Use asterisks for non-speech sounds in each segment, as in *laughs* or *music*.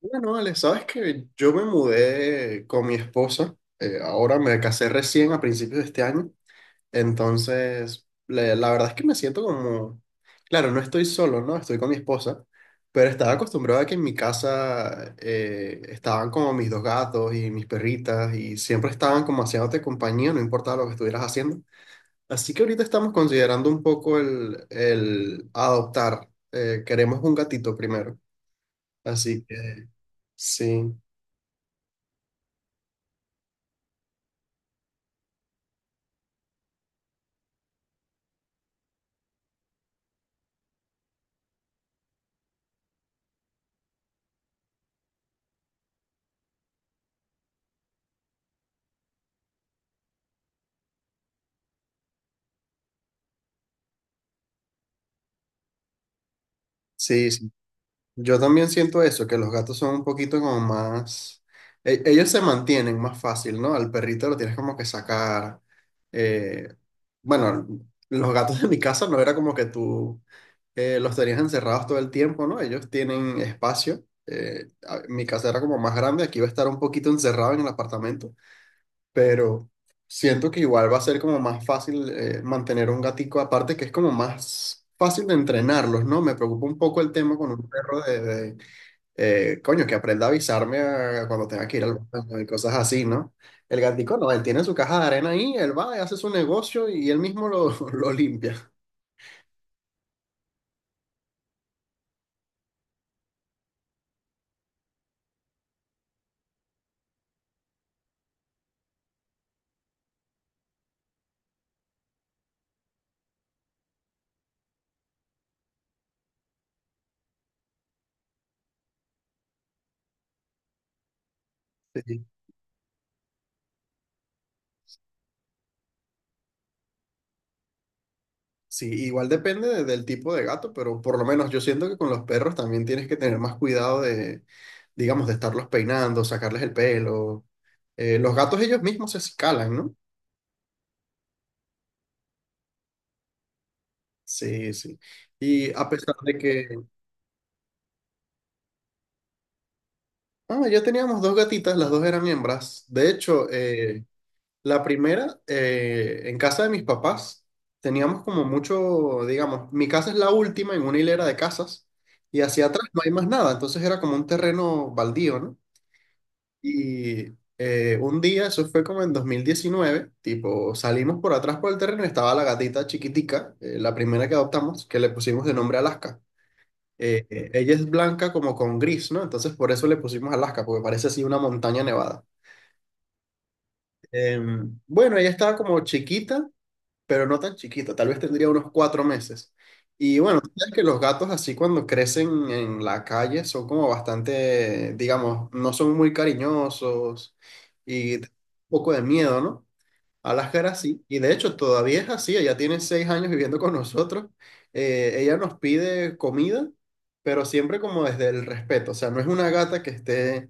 Bueno, Ale, sabes que yo me mudé con mi esposa, ahora me casé recién a principios de este año, entonces la verdad es que me siento como, claro, no estoy solo, ¿no? Estoy con mi esposa, pero estaba acostumbrado a que en mi casa estaban como mis dos gatos y mis perritas y siempre estaban como haciéndote compañía, no importaba lo que estuvieras haciendo. Así que ahorita estamos considerando un poco el adoptar, queremos un gatito primero, así que sí. Sí, sí. Yo también siento eso, que los gatos son un poquito como más. Ellos se mantienen más fácil, ¿no? Al perrito lo tienes como que sacar. eh, Bueno, los gatos de mi casa no era como que tú los tenías encerrados todo el tiempo, ¿no? Ellos tienen espacio. Mi casa era como más grande, aquí iba a estar un poquito encerrado en el apartamento, pero siento que igual va a ser como más fácil mantener un gatico, aparte que es como más fácil de entrenarlos, ¿no? Me preocupa un poco el tema con un perro coño, que aprenda a avisarme cuando tenga que ir al baño y cosas así, ¿no? El gatico no, él tiene su caja de arena ahí, él va y hace su negocio y él mismo lo, *laughs* lo limpia. Sí. Sí, igual depende del tipo de gato, pero por lo menos yo siento que con los perros también tienes que tener más cuidado de, digamos, de estarlos peinando, sacarles el pelo. Los gatos ellos mismos se escalan, ¿no? Sí, sí. Y a pesar de que, ya teníamos dos gatitas, las dos eran hembras. De hecho, la primera, en casa de mis papás, teníamos como mucho, digamos, mi casa es la última en una hilera de casas y hacia atrás no hay más nada, entonces era como un terreno baldío, ¿no? Y un día, eso fue como en 2019 tipo, salimos por atrás por el terreno y estaba la gatita chiquitica, la primera que adoptamos, que le pusimos de nombre Alaska. Ella es blanca como con gris, ¿no? Entonces por eso le pusimos Alaska, porque parece así una montaña nevada. Bueno, ella estaba como chiquita, pero no tan chiquita, tal vez tendría unos 4 meses. Y bueno, tú sabes que los gatos así cuando crecen en la calle son como bastante, digamos, no son muy cariñosos y da un poco de miedo, ¿no? Alaska era así, y de hecho todavía es así, ella tiene 6 años viviendo con nosotros. Ella nos pide comida, pero siempre como desde el respeto, o sea, no es una gata que esté.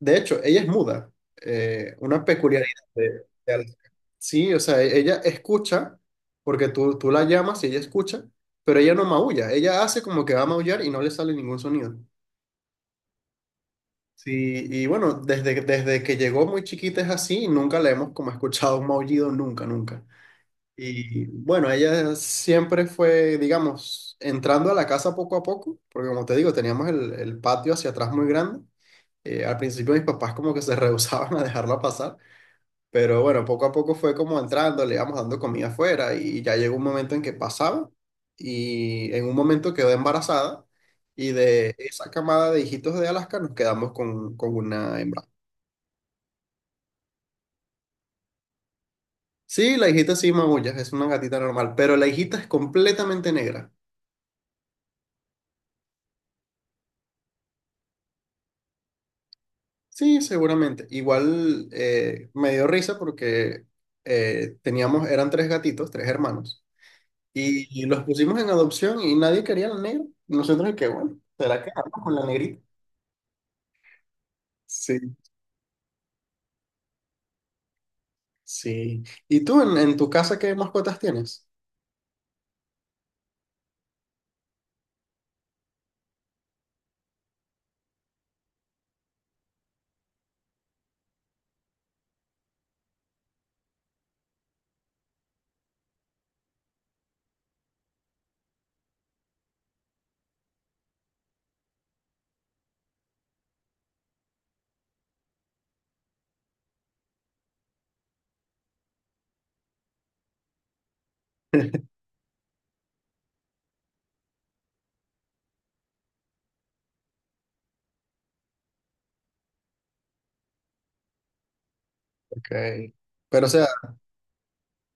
De hecho, ella es muda. Una peculiaridad de Alaska. Sí, o sea, ella escucha, porque tú la llamas y ella escucha, pero ella no maulla. Ella hace como que va a maullar y no le sale ningún sonido. Sí, y bueno, desde, desde que llegó muy chiquita es así y nunca le hemos como escuchado un maullido, nunca, nunca. Y bueno, ella siempre fue, digamos, entrando a la casa poco a poco, porque como te digo, teníamos el patio hacia atrás muy grande. Al principio mis papás como que se *laughs* rehusaban a dejarla pasar. Pero bueno, poco a poco fue como entrando, le íbamos dando comida afuera y ya llegó un momento en que pasaba y en un momento quedó embarazada y de esa camada de hijitos de Alaska nos quedamos con una hembra. Sí, la hijita sí maulla, es una gatita normal, pero la hijita es completamente negra. Sí, seguramente. Igual me dio risa porque teníamos, eran tres gatitos, tres hermanos, y los pusimos en adopción y nadie quería la negra. Nosotros, que bueno, será que vamos con la negrita. Sí, sí. ¿Y tú en tu casa qué mascotas tienes? Ok. Pero o sea,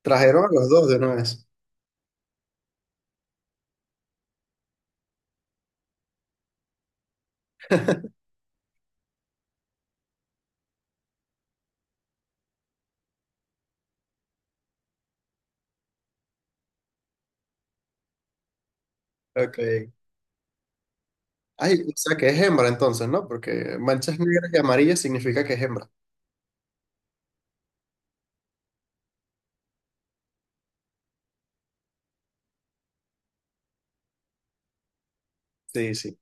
trajeron a los dos de una vez. *laughs* Ok. Ay, o sea que es hembra entonces, ¿no? Porque manchas negras y amarillas significa que es hembra. Sí, sí.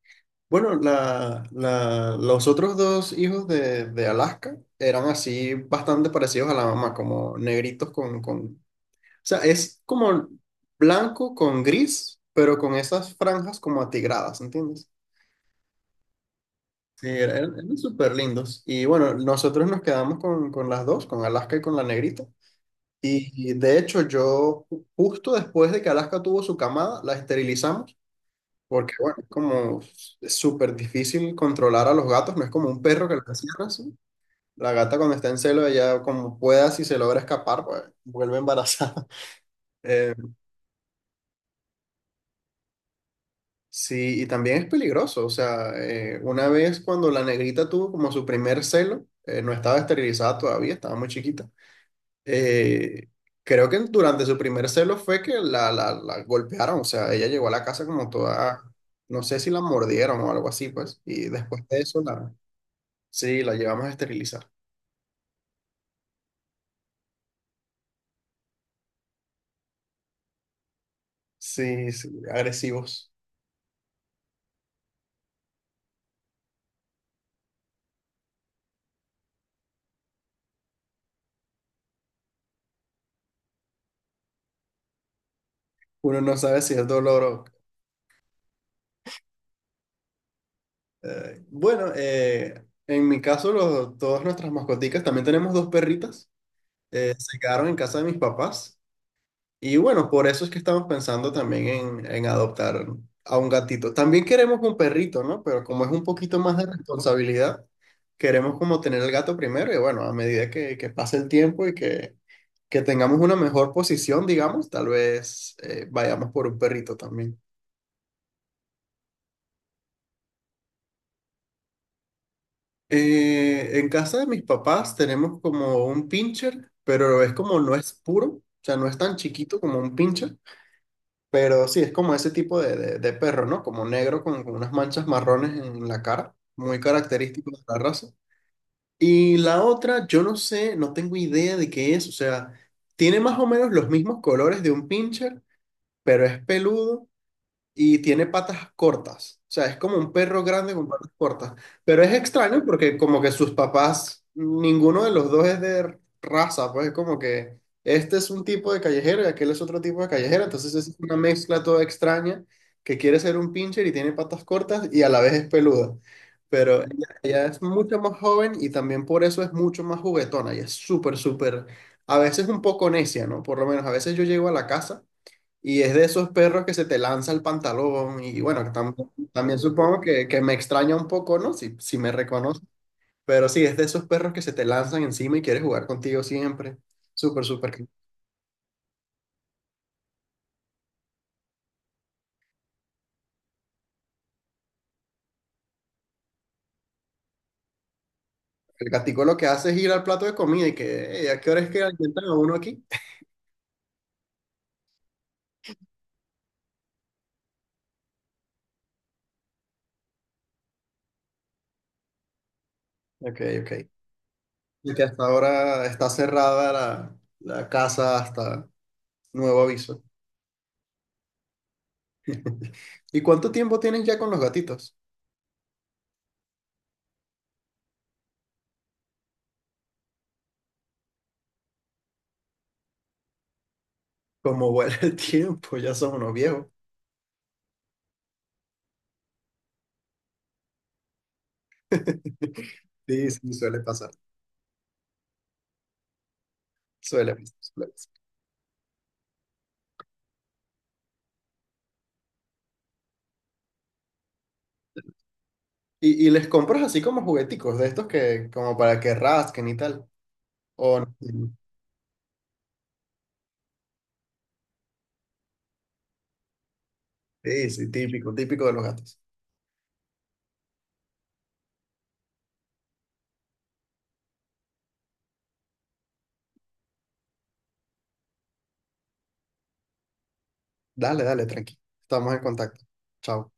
Bueno, la, los otros dos hijos de Alaska eran así bastante parecidos a la mamá, como negritos con, con. O sea, es como blanco con gris, pero con esas franjas como atigradas, ¿entiendes? Sí, era, eran, eran súper lindos. Y bueno, nosotros nos quedamos con las dos, con Alaska y con la negrita. Y de hecho, yo justo después de que Alaska tuvo su camada, la esterilizamos, porque bueno, es como es súper difícil controlar a los gatos, no es como un perro que lo encierras. ¿Sí? La gata cuando está en celo, ella como pueda, si se logra escapar, pues vuelve embarazada. *laughs* Eh, sí, y también es peligroso. O sea, una vez cuando la negrita tuvo como su primer celo, no estaba esterilizada todavía, estaba muy chiquita. Eh, creo que durante su primer celo fue que la golpearon, o sea, ella llegó a la casa como toda, no sé si la mordieron o algo así, pues, y después de eso, la, sí, la llevamos a esterilizar. Sí, sí, agresivos. Uno no sabe si es dolor o. Bueno, en mi caso, todas nuestras mascoticas, también tenemos dos perritas, se quedaron en casa de mis papás. Y bueno, por eso es que estamos pensando también en adoptar a un gatito. También queremos un perrito, ¿no? Pero como es un poquito más de responsabilidad, queremos como tener el gato primero y bueno, a medida que pase el tiempo y que tengamos una mejor posición, digamos, tal vez vayamos por un perrito también. En casa de mis papás tenemos como un pincher, pero es como no es puro, o sea, no es tan chiquito como un pincher. Pero sí, es como ese tipo de, de perro, ¿no? Como negro con unas manchas marrones en la cara, muy característico de la raza. Y la otra, yo no sé, no tengo idea de qué es, o sea, tiene más o menos los mismos colores de un pincher, pero es peludo y tiene patas cortas. O sea, es como un perro grande con patas cortas. Pero es extraño porque como que sus papás, ninguno de los dos es de raza, pues es como que este es un tipo de callejero y aquel es otro tipo de callejero. Entonces es una mezcla toda extraña que quiere ser un pincher y tiene patas cortas y a la vez es peluda. Pero ella es mucho más joven y también por eso es mucho más juguetona y es súper, súper, a veces un poco necia, ¿no? Por lo menos a veces yo llego a la casa. Y es de esos perros que se te lanza el pantalón. Y bueno, también supongo que me extraña un poco, ¿no? Si, si me reconoce. Pero sí, es de esos perros que se te lanzan encima y quieres jugar contigo siempre. Súper, súper. El gatico lo que hace es ir al plato de comida y que, "Ey, ¿a qué hora es que alimentan a uno aquí?" Ok, ok. Y que hasta ahora está cerrada la, la casa hasta nuevo aviso. *laughs* ¿Y cuánto tiempo tienen ya con los gatitos? Como vuela el *laughs* tiempo, ya son unos viejos. *laughs* Sí, sí, suele pasar. Suele pasar, suele pasar. Y les compras así como jugueticos de estos que, como para que rasquen y tal. O no. Sí, sí, típico, típico de los gatos. Dale, dale, tranqui. Estamos en contacto. Chao.